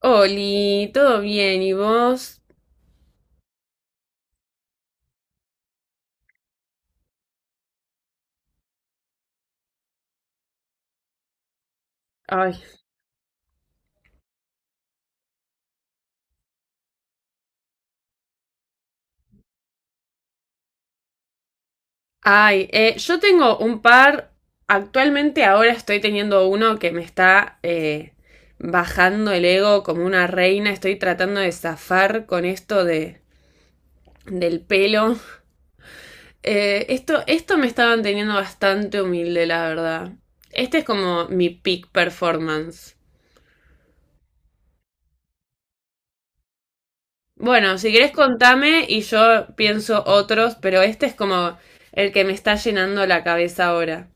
Oli, ¿todo bien? ¿Y vos? Ay, yo tengo un par, actualmente ahora estoy teniendo uno que me está bajando el ego como una reina, estoy tratando de zafar con esto de, del pelo. Esto me estaba manteniendo bastante humilde, la verdad. Este es como mi peak performance. Bueno, si querés contame y yo pienso otros, pero este es como el que me está llenando la cabeza ahora.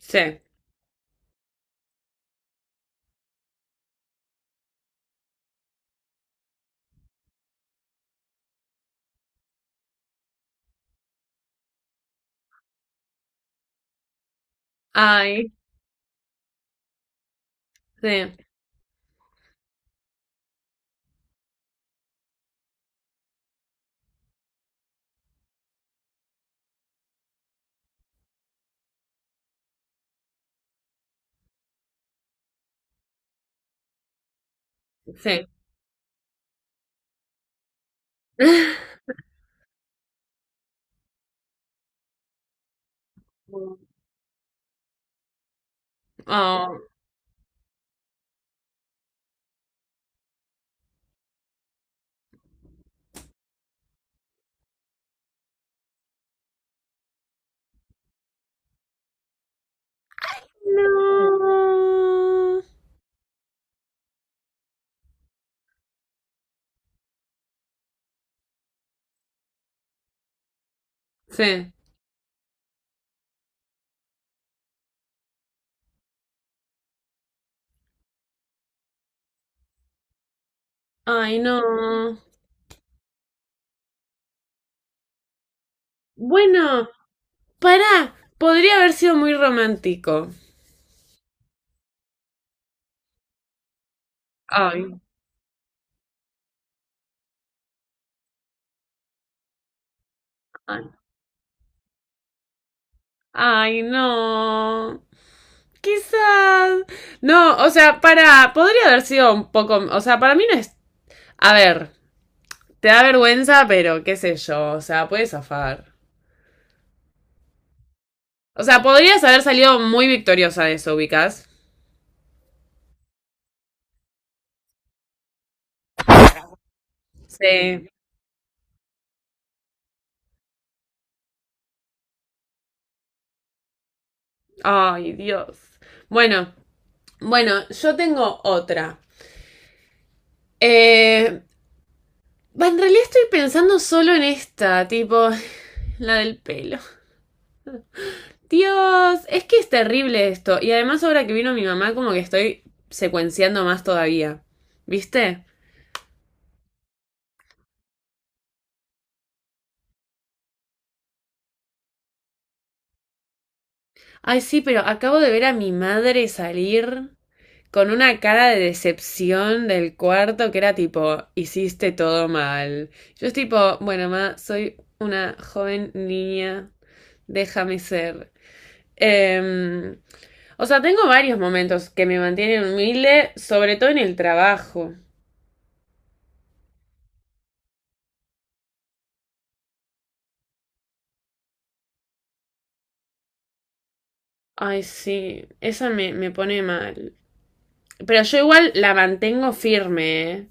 Sí. Ay, sí, sí. Oh, no. Sí. Ay, no. Bueno, pará. Podría haber sido muy romántico. Ay, ay, ay, no. Quizás. No, o sea, para. Podría haber sido un poco. O sea, para mí no es. A ver, te da vergüenza, pero qué sé yo. O sea, puedes zafar. O sea, podrías haber salido muy victoriosa de eso, ubicas. Sí. Ay, Dios. Bueno, bueno, yo tengo otra. Eh, en realidad estoy pensando solo en esta, tipo, la del pelo. Dios, es que es terrible esto. Y además ahora que vino mi mamá, como que estoy secuenciando más todavía. ¿Viste? Ay, sí, pero acabo de ver a mi madre salir con una cara de decepción del cuarto que era tipo, hiciste todo mal. Yo es tipo, bueno, ma, soy una joven niña, déjame ser. Em, o sea, tengo varios momentos que me mantienen humilde, sobre todo en el trabajo. Ay, sí, me pone mal. Pero yo igual la mantengo firme, ¿eh?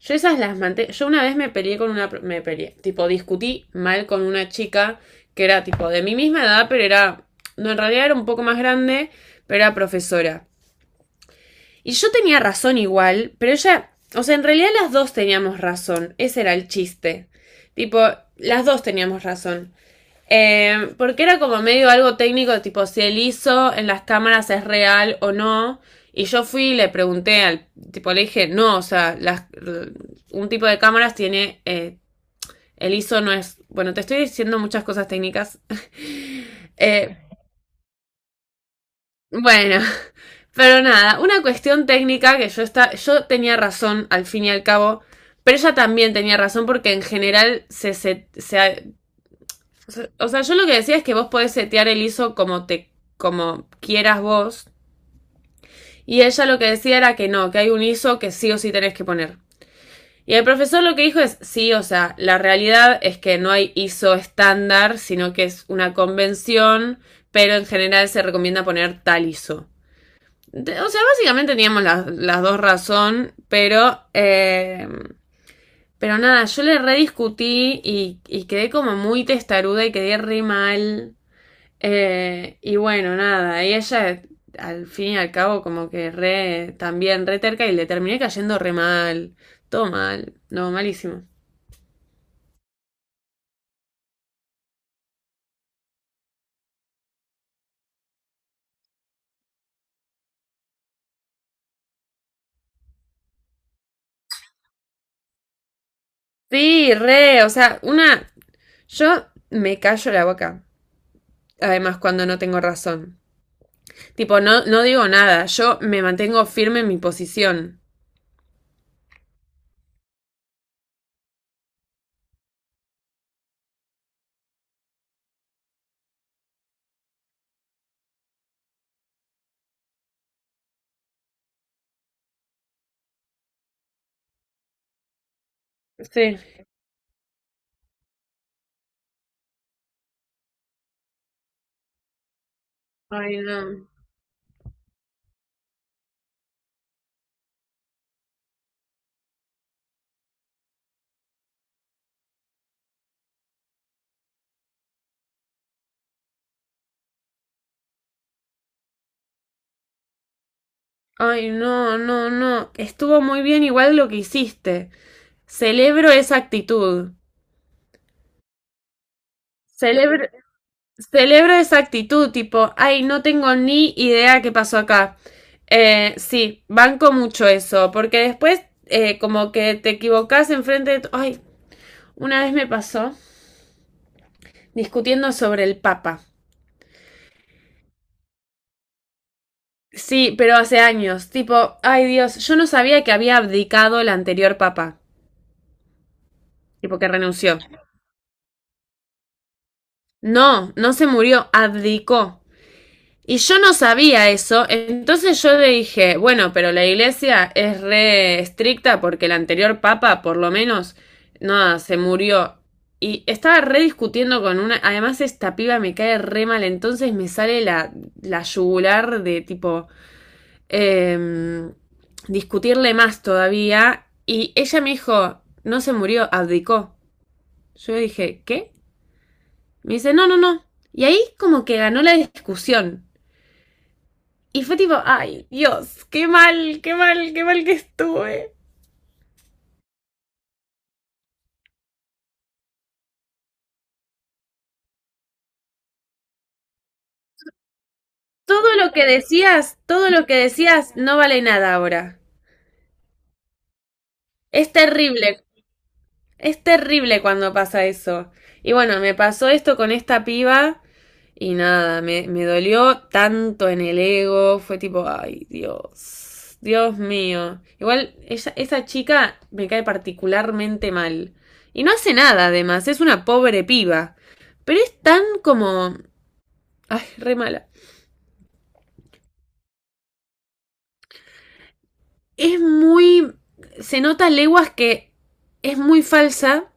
Yo esas las manté. Yo una vez me peleé con una. Me peleé. Tipo, discutí mal con una chica que era tipo de mi misma edad, pero era. No, en realidad era un poco más grande, pero era profesora. Y yo tenía razón igual, pero ella. O sea, en realidad las dos teníamos razón. Ese era el chiste. Tipo, las dos teníamos razón. Porque era como medio algo técnico, tipo si el ISO en las cámaras es real o no. Y yo fui y le pregunté al tipo, le dije, no, o sea, las, un tipo de cámaras tiene, el ISO no es, bueno, te estoy diciendo muchas cosas técnicas. Eh, bueno, pero nada, una cuestión técnica que yo, está, yo tenía razón al fin y al cabo, pero ella también tenía razón porque en general se O sea, yo lo que decía es que vos podés setear el ISO como te, como quieras vos. Y ella lo que decía era que no, que hay un ISO que sí o sí tenés que poner. Y el profesor lo que dijo es, sí, o sea, la realidad es que no hay ISO estándar, sino que es una convención, pero en general se recomienda poner tal ISO. O sea, básicamente teníamos las dos razón, pero nada, yo le rediscutí y quedé como muy testaruda y quedé re mal. Y bueno, nada, y ella al fin y al cabo como que re, también re terca y le terminé cayendo re mal, todo mal, no, malísimo. Sí, re, o sea, una, yo me callo la boca, además cuando no tengo razón. Tipo, no, no digo nada, yo me mantengo firme en mi posición. Sí. Ay, no. Ay, no, no, no. Estuvo muy bien igual lo que hiciste. Celebro esa actitud. Celebro, Celebro esa actitud, tipo, ay, no tengo ni idea qué pasó acá. Sí, banco mucho eso, porque después como que te equivocás enfrente de... Ay, una vez me pasó discutiendo sobre el Papa. Sí, pero hace años, tipo, ay Dios, yo no sabía que había abdicado el anterior Papa, tipo que renunció. No, no se murió, abdicó. Y yo no sabía eso, entonces yo le dije, bueno, pero la iglesia es re estricta porque el anterior papa, por lo menos, nada, se murió. Y estaba re discutiendo con una, además esta piba me cae re mal, entonces me sale la, la yugular de tipo, eh, discutirle más todavía. Y ella me dijo, no se murió, abdicó. Yo dije, ¿qué? Me dice, no, no, no. Y ahí como que ganó la discusión. Y fue tipo, ay, Dios, qué mal, qué mal, qué mal que estuve. Todo lo que decías, todo lo que decías no vale nada ahora. Es terrible, es terrible cuando pasa eso. Y bueno, me pasó esto con esta piba y nada, me dolió tanto en el ego, fue tipo, ay, Dios, Dios mío. Igual ella, esa chica me cae particularmente mal. Y no hace nada, además, es una pobre piba. Pero es tan como Ay, re mala. Es muy. Se nota a leguas que es muy falsa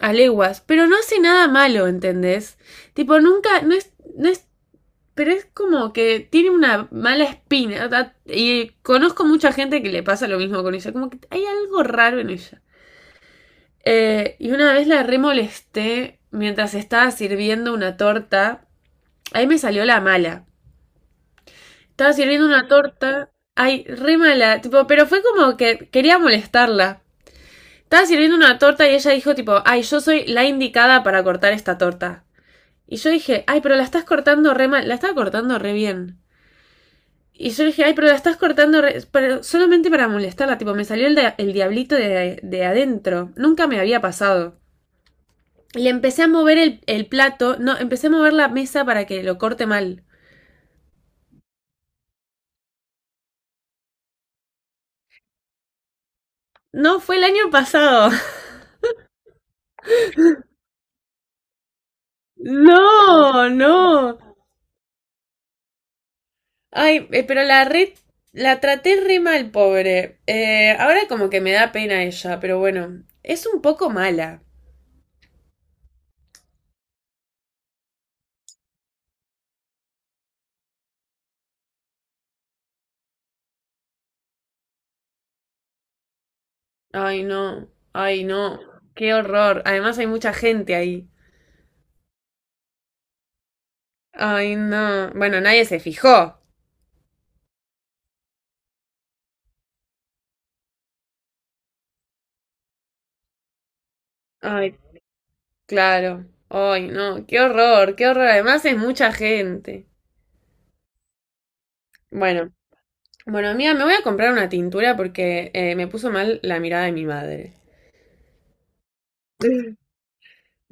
a leguas, pero no hace nada malo, ¿entendés? Tipo, nunca. No es. No es pero es como que tiene una mala espina. Y conozco mucha gente que le pasa lo mismo con ella. Como que hay algo raro en ella. Y una vez la remolesté mientras estaba sirviendo una torta. Ahí me salió la mala. Estaba sirviendo una torta. Ay, re mala. Tipo, pero fue como que quería molestarla. Estaba sirviendo una torta y ella dijo tipo, ay, yo soy la indicada para cortar esta torta. Y yo dije, ay, pero la estás cortando re mal, la estaba cortando re bien. Y yo dije, ay, pero la estás cortando re- pero solamente para molestarla, tipo, me salió el diablito de adentro. Nunca me había pasado. Le empecé a mover el plato, no, empecé a mover la mesa para que lo corte mal. No, fue el año pasado. No, no. Ay, pero la traté re mal, pobre. Ahora como que me da pena ella, pero bueno, es un poco mala. Ay, no, qué horror. Además hay mucha gente ahí. Ay, no. Bueno, nadie se fijó. Ay, claro. Ay, no, qué horror, qué horror. Además es mucha gente. Bueno, bueno, amiga, me voy a comprar una tintura porque me puso mal la mirada de mi madre.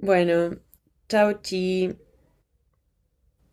Bueno, chau, chi.